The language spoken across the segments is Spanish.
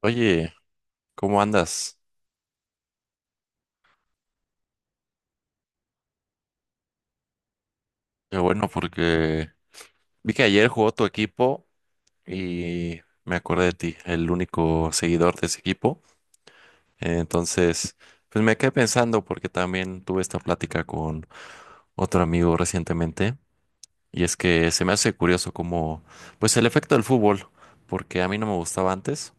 Oye, ¿cómo andas? Qué bueno, porque vi que ayer jugó tu equipo y me acordé de ti, el único seguidor de ese equipo. Entonces, pues me quedé pensando porque también tuve esta plática con otro amigo recientemente y es que se me hace curioso como, pues el efecto del fútbol, porque a mí no me gustaba antes,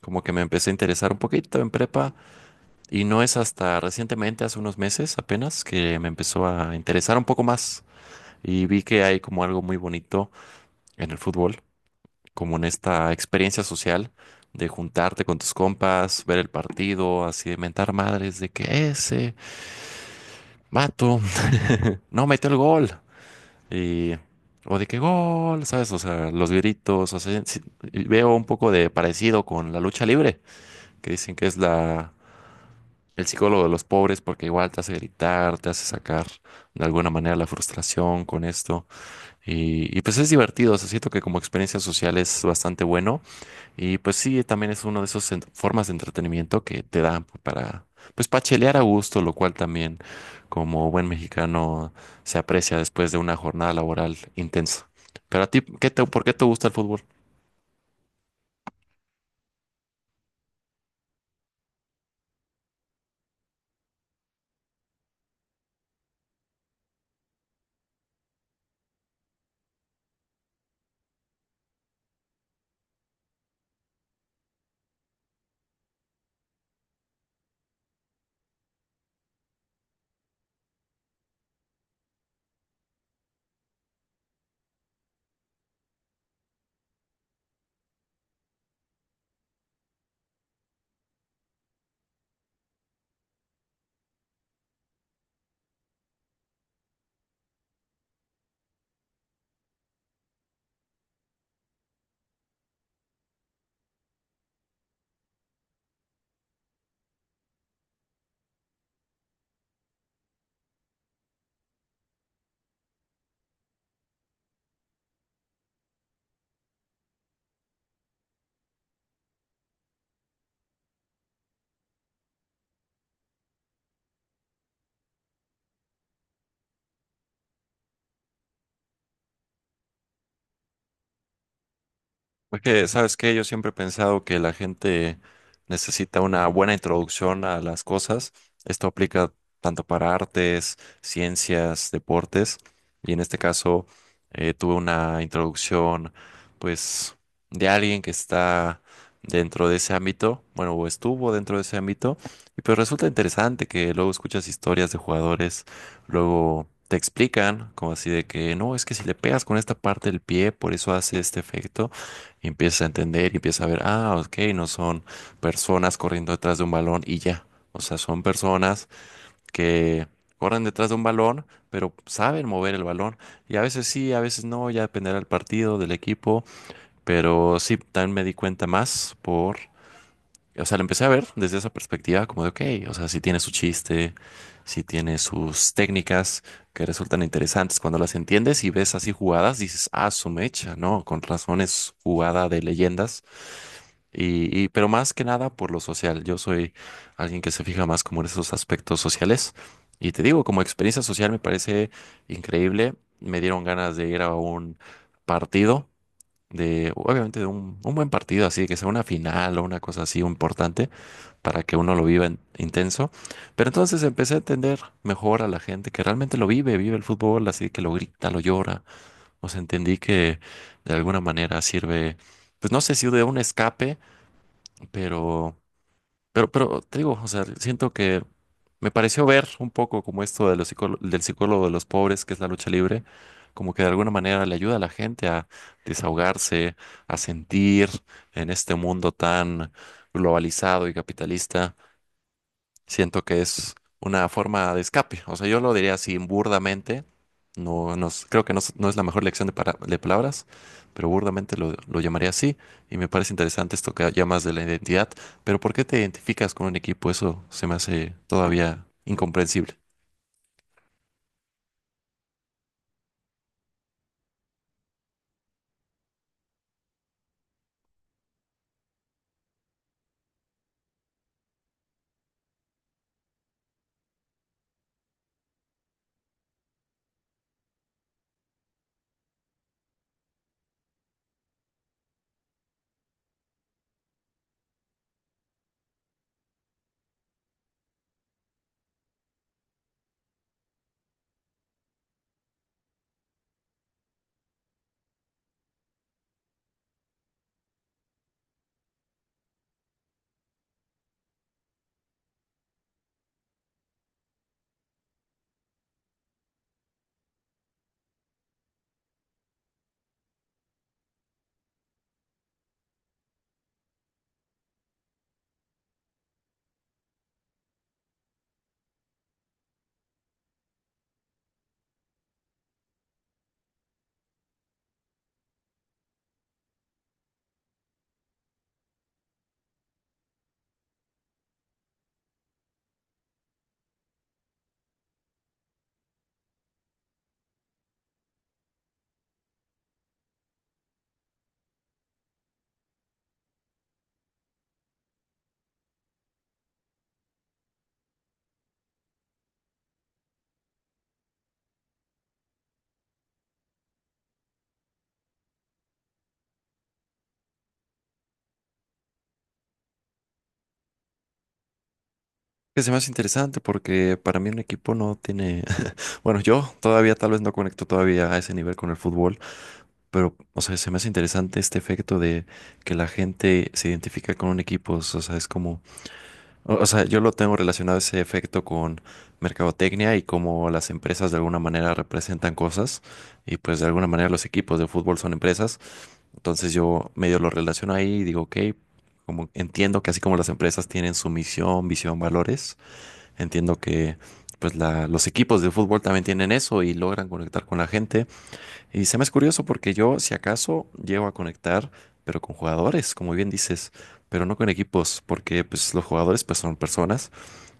como que me empecé a interesar un poquito en prepa y no es hasta recientemente, hace unos meses apenas, que me empezó a interesar un poco más. Y vi que hay como algo muy bonito en el fútbol, como en esta experiencia social de juntarte con tus compas, ver el partido, así de mentar madres de que ese vato no metió el gol. Y, o de que gol, ¿sabes? O sea, los gritos, o sea, sí, y veo un poco de parecido con la lucha libre, que dicen que es la, el psicólogo de los pobres porque igual te hace gritar, te hace sacar de alguna manera la frustración con esto. Y pues es divertido, o sea, siento que como experiencia social es bastante bueno y pues sí, también es una de esas formas de entretenimiento que te dan para, pues para chelear a gusto, lo cual también como buen mexicano se aprecia después de una jornada laboral intensa. Pero a ti, ¿qué te, por qué te gusta el fútbol? Porque, ¿sabes qué? Yo siempre he pensado que la gente necesita una buena introducción a las cosas. Esto aplica tanto para artes, ciencias, deportes. Y en este caso, tuve una introducción, pues, de alguien que está dentro de ese ámbito, bueno, o estuvo dentro de ese ámbito. Y pues resulta interesante que luego escuchas historias de jugadores, luego te explican, como así de que, no, es que si le pegas con esta parte del pie, por eso hace este efecto. Y empiezas a entender y empiezas a ver, ah, ok, no son personas corriendo detrás de un balón y ya. O sea, son personas que corren detrás de un balón, pero saben mover el balón. Y a veces sí, a veces no, ya dependerá del partido, del equipo. Pero sí, también me di cuenta más por, o sea, lo empecé a ver desde esa perspectiva como de, ok, o sea, si tiene su chiste, si tiene sus técnicas que resultan interesantes cuando las entiendes y ves así jugadas, dices, ah, su mecha, ¿no? Con razones jugada de leyendas y pero más que nada por lo social. Yo soy alguien que se fija más como en esos aspectos sociales. Y te digo, como experiencia social me parece increíble. Me dieron ganas de ir a un partido, de, obviamente de un buen partido, así que sea una final o una cosa así importante para que uno lo viva intenso. Pero entonces empecé a entender mejor a la gente que realmente lo vive, vive el fútbol, así que lo grita, lo llora. O sea, entendí que de alguna manera sirve, pues no sé si de un escape pero, pero te digo, o sea, siento que me pareció ver un poco como esto de los del psicólogo de los pobres, que es la lucha libre, como que de alguna manera le ayuda a la gente a desahogarse, a sentir en este mundo tan globalizado y capitalista. Siento que es una forma de escape. O sea, yo lo diría así burdamente. Creo que no, es no es la mejor lección de, de palabras, pero burdamente lo llamaría así. Y me parece interesante esto que llamas de la identidad. Pero ¿por qué te identificas con un equipo? Eso se me hace todavía incomprensible. Que se me hace interesante porque para mí un equipo no tiene… Bueno, yo todavía tal vez no conecto todavía a ese nivel con el fútbol, pero, o sea, se me hace interesante este efecto de que la gente se identifica con un equipo. O sea, es como O o sea, yo lo tengo relacionado ese efecto con mercadotecnia y cómo las empresas de alguna manera representan cosas y pues de alguna manera los equipos de fútbol son empresas. Entonces yo medio lo relaciono ahí y digo, ok, como entiendo que así como las empresas tienen su misión, visión, valores, entiendo que pues los equipos de fútbol también tienen eso y logran conectar con la gente. Y se me es curioso porque yo si acaso llego a conectar, pero con jugadores, como bien dices, pero no con equipos, porque pues los jugadores pues son personas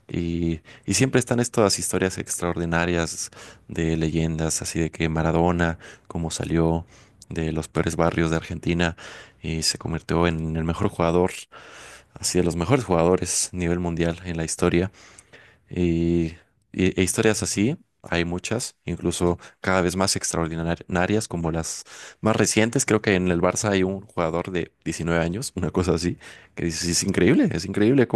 y siempre están estas historias extraordinarias de leyendas, así de que Maradona, cómo salió de los peores barrios de Argentina y se convirtió en el mejor jugador, así de los mejores jugadores a nivel mundial en la historia. Y, y e historias así, hay muchas, incluso cada vez más extraordinarias, como las más recientes. Creo que en el Barça hay un jugador de 19 años, una cosa así, que dices, es increíble, es increíble,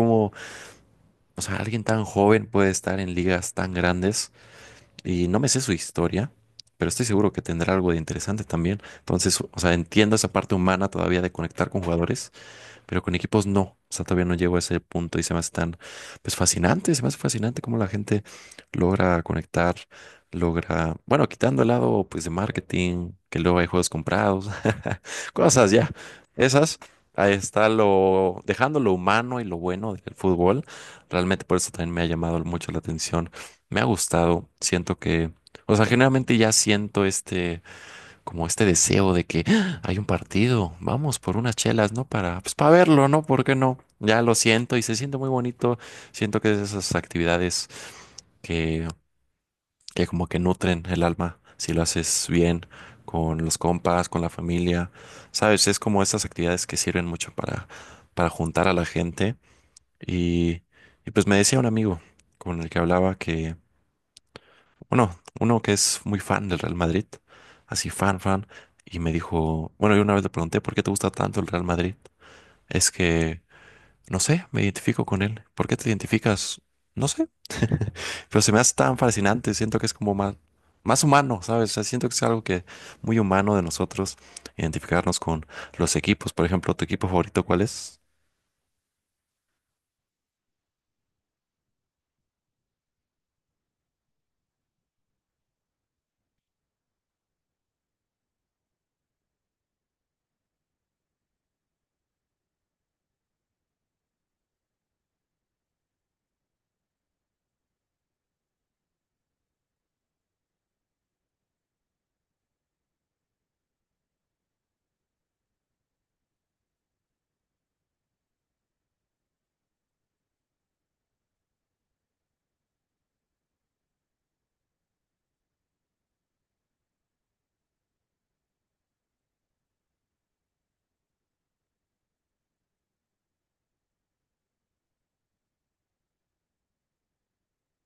o sea, alguien tan joven puede estar en ligas tan grandes y no me sé su historia, pero estoy seguro que tendrá algo de interesante también. Entonces, o sea, entiendo esa parte humana todavía de conectar con jugadores, pero con equipos no. O sea, todavía no llego a ese punto y se me hace tan, pues fascinante, se me hace fascinante cómo la gente logra conectar, logra, bueno, quitando el lado, pues, de marketing, que luego hay juegos comprados, Cosas ya, esas. Ahí está lo, dejando lo humano y lo bueno del fútbol. Realmente por eso también me ha llamado mucho la atención. Me ha gustado. Siento que, o sea, generalmente ya siento este, como este deseo de que "Ah, hay un partido, vamos por unas chelas, ¿no? Para, pues para verlo, ¿no? ¿Por qué no? Ya lo siento y se siente muy bonito. Siento que es de esas actividades que que como que nutren el alma si lo haces bien con los compas, con la familia, ¿sabes? Es como estas actividades que sirven mucho para juntar a la gente. Y, y pues me decía un amigo con el que hablaba que, bueno, uno que es muy fan del Real Madrid, así fan, fan, y me dijo, bueno, yo una vez le pregunté, ¿por qué te gusta tanto el Real Madrid? Es que no sé, me identifico con él. ¿Por qué te identificas? No sé. Pero se me hace tan fascinante. Siento que es como más, más humano, ¿sabes? O sea, siento que es algo que muy humano de nosotros identificarnos con los equipos. Por ejemplo, ¿tu equipo favorito cuál es?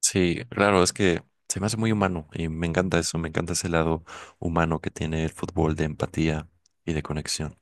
Sí, claro, es que se me hace muy humano y me encanta eso. Me encanta ese lado humano que tiene el fútbol de empatía y de conexión.